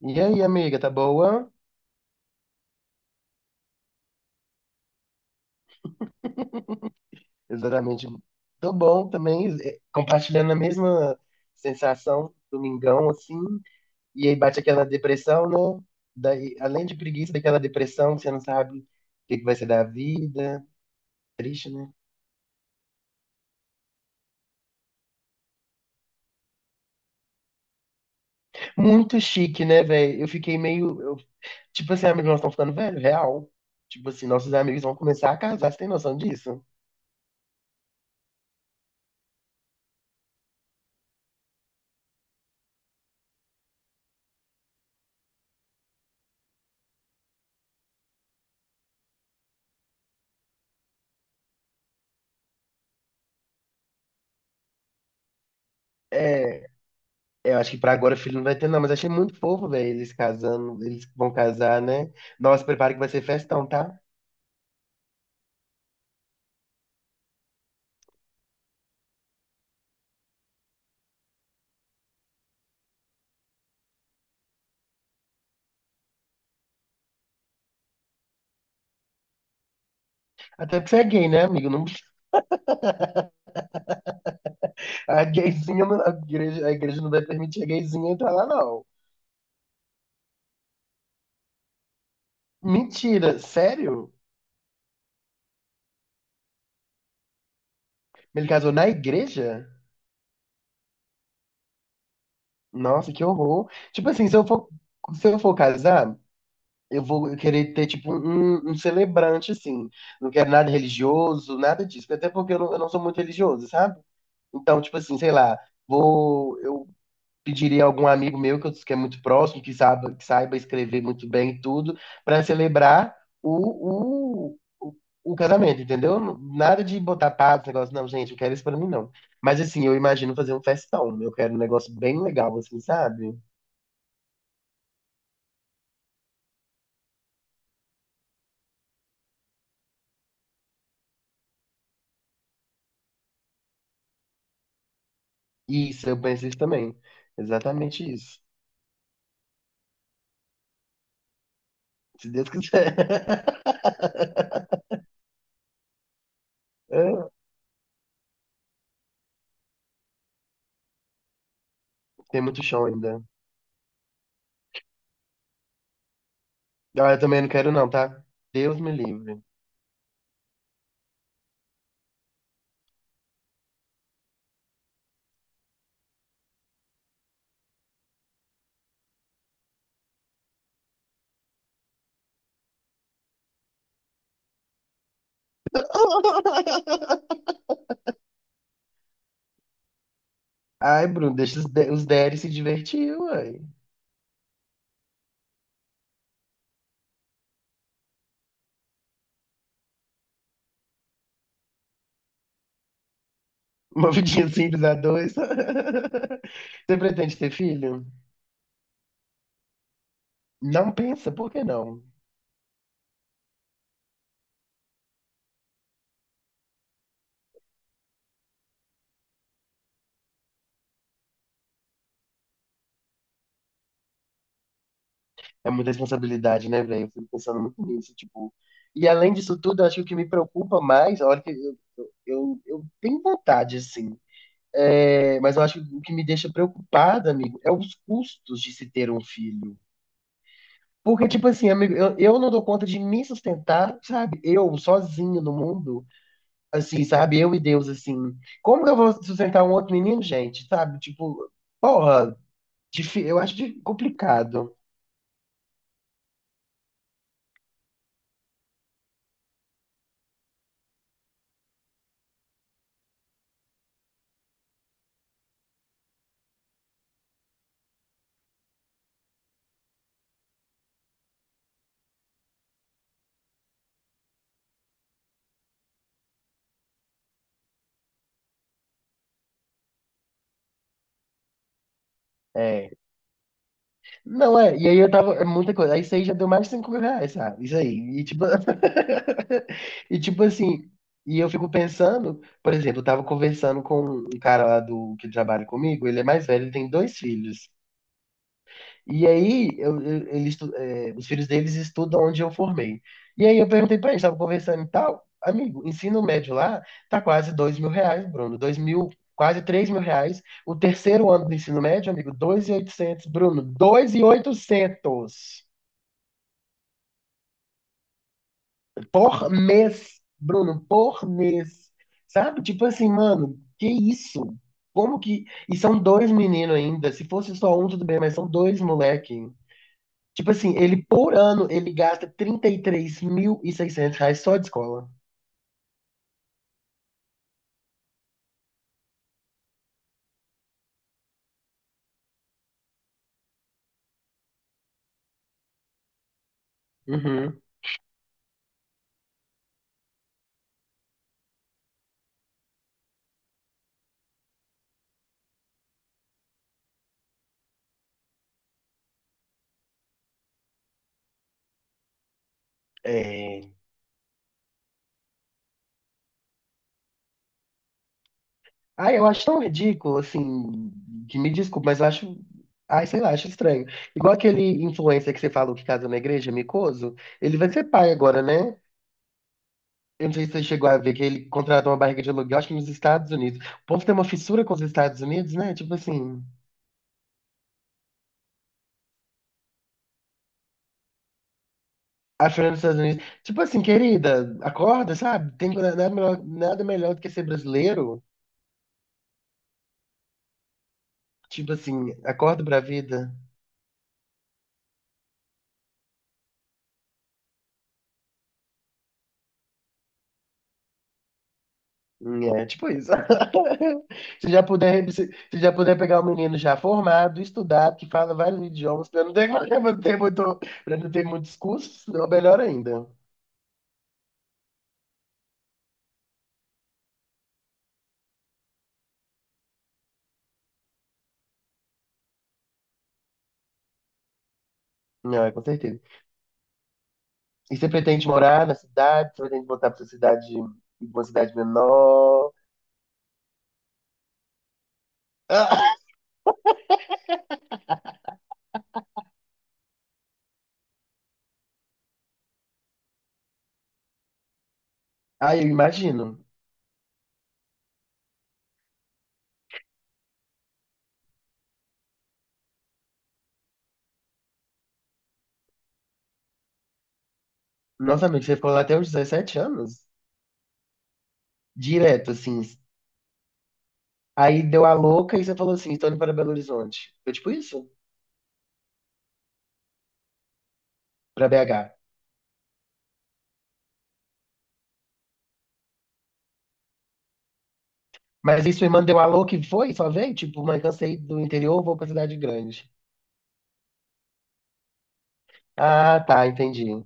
E aí, amiga, tá boa? Exatamente. Tô bom também, compartilhando a mesma sensação, domingão, assim. E aí bate aquela depressão, né? Daí, além de preguiça, daquela depressão que você não sabe o que que vai ser da vida. Triste, né? Muito chique, né, velho? Eu fiquei meio, tipo assim, amigos, nós estamos ficando velho, real. Tipo assim, nossos amigos vão começar a casar, você tem noção disso? É. Eu acho que pra agora o filho não vai ter, não, mas achei muito fofo, velho, eles casando, eles vão casar, né? Nossa, prepara que vai ser festão, tá? Até porque você é gay, né, amigo? Não, a gayzinha, a igreja não vai permitir a gayzinha entrar lá, não. Mentira, sério? Ele casou na igreja? Nossa, que horror. Tipo assim, se eu for casar, eu vou querer ter, tipo, um celebrante, assim. Não quero nada religioso, nada disso. Até porque eu não sou muito religioso, sabe? Então, tipo assim, sei lá, eu pediria a algum amigo meu que é muito próximo, que saiba escrever muito bem e tudo, para celebrar o, o, o, o casamento, entendeu? Nada de botar pato, negócio, não, gente, eu quero isso pra mim, não. Mas, assim, eu imagino fazer um festão. Eu quero um negócio bem legal, assim, sabe? Isso, eu penso isso também. Exatamente isso. Se Deus quiser. É, tem muito chão ainda. Ah, eu também não quero não, tá? Deus me livre. Ai, Bruno, deixa de os Derry se divertir, uai. Uma vidinha simples a dois. Você pretende ter filho? Não pensa, por que não? É muita responsabilidade, né, velho? Eu fico pensando muito nisso, tipo. E além disso tudo, eu acho que o que me preocupa mais, olha que eu tenho vontade, assim. É, mas eu acho que o que me deixa preocupada, amigo, é os custos de se ter um filho. Porque, tipo assim, amigo, eu não dou conta de me sustentar, sabe? Eu, sozinho no mundo, assim, sabe? Eu e Deus, assim. Como que eu vou sustentar um outro menino, gente? Sabe? Tipo, porra, eu acho complicado. É. Não, é, e aí eu tava, é muita coisa. Aí isso aí já deu mais de 5 mil reais, sabe? Isso aí. E tipo, e tipo assim, e eu fico pensando, por exemplo, eu tava conversando com um cara lá do que trabalha comigo, ele é mais velho, ele tem dois filhos. E aí, é, os filhos deles estudam onde eu formei. E aí eu perguntei pra eles, tava conversando e tal, amigo, ensino médio lá tá quase 2.000 reais, Bruno, 2.000, quase 3.000 reais. O terceiro ano do ensino médio, amigo, 2.800, Bruno, 2.800 por mês, Bruno, por mês. Sabe? Tipo assim, mano, que isso? Como que. E são dois meninos ainda, se fosse só um, tudo bem, mas são dois moleque. Tipo assim, ele por ano ele gasta trinta e três mil e seiscentos reais só de escola. Uhum. É. Ah, eu acho tão ridículo, assim, que me desculpe, mas eu acho. Ai, sei lá, acho estranho. Igual aquele influencer que você falou que casou na igreja, Micoso, ele vai ser pai agora, né? Eu não sei se você chegou a ver que ele contratou uma barriga de aluguel, acho que nos Estados Unidos. O povo tem uma fissura com os Estados Unidos, né? Tipo assim, a Fernanda dos Estados Unidos. Tipo assim, querida, acorda, sabe? Tem nada melhor, nada melhor do que ser brasileiro. Tipo assim, acordo pra vida. Hum. É, tipo isso. Se já puder pegar um menino já formado, estudado, que fala vários idiomas, pra não ter, pra não ter muitos cursos, é melhor ainda. Não, é com certeza. E você pretende morar na cidade? Você pretende voltar pra sua cidade, uma cidade menor? Ah, eu imagino. Nossa, amigo, você ficou lá até os 17 anos? Direto, assim. Aí deu a louca e você falou assim, estou indo para Belo Horizonte. Foi tipo isso? Pra BH. Mas isso me mandou um alô que foi, só veio? Tipo, mãe, cansei do interior, vou pra cidade grande. Ah, tá, entendi.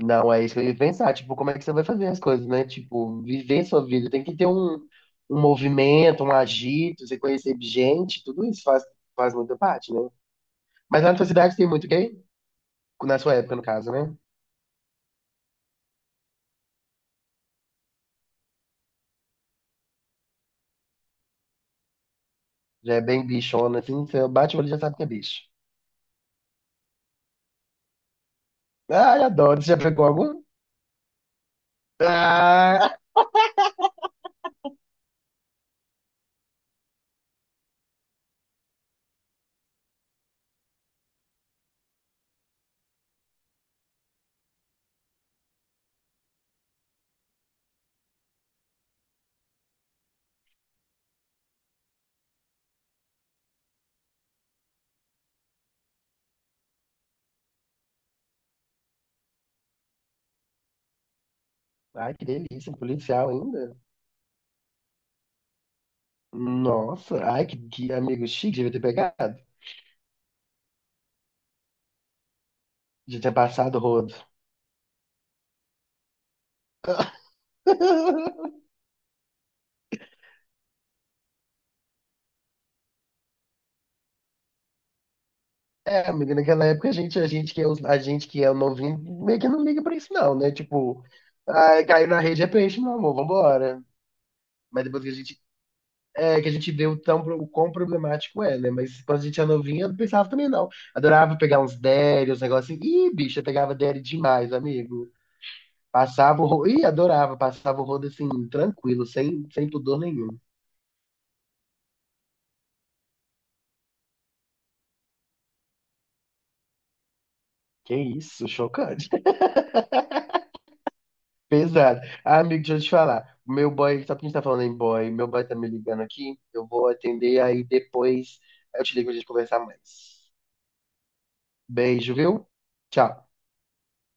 Não, é isso que eu ia pensar. Tipo, como é que você vai fazer as coisas, né? Tipo, viver sua vida. Tem que ter um movimento, um agito, você conhecer gente, tudo isso faz muita parte, né? Mas lá na sua cidade tem muito gay? Na sua época, no caso, né? Já é bem bichona, assim, você bate o olho e já sabe que é bicho. Ai, adoro. Você já pegou algum? Ah! Ai, que delícia, um policial ainda. Nossa, ai, que amigo chique, devia ter pegado. Devia ter passado o rodo. É, amigo, naquela época a gente que é o novinho, meio que não liga pra isso não, né? Tipo, ai, caiu na rede é peixe, meu amor, vambora. Mas depois que a gente, que a gente vê o quão problemático é, né? Mas quando a gente é novinha, eu não pensava também não. Adorava pegar uns derry, uns negócios assim. Ih, bicho, eu pegava derry demais, amigo. Passava o rodo, ih, adorava, passava o rodo assim, tranquilo, sem pudor nenhum. Que isso, chocante. Pesado. Ah, amigo, deixa eu te falar. O meu boy, só porque a gente tá falando em boy, meu boy tá me ligando aqui. Eu vou atender aí depois. Eu te ligo pra gente conversar mais. Beijo, viu? Tchau.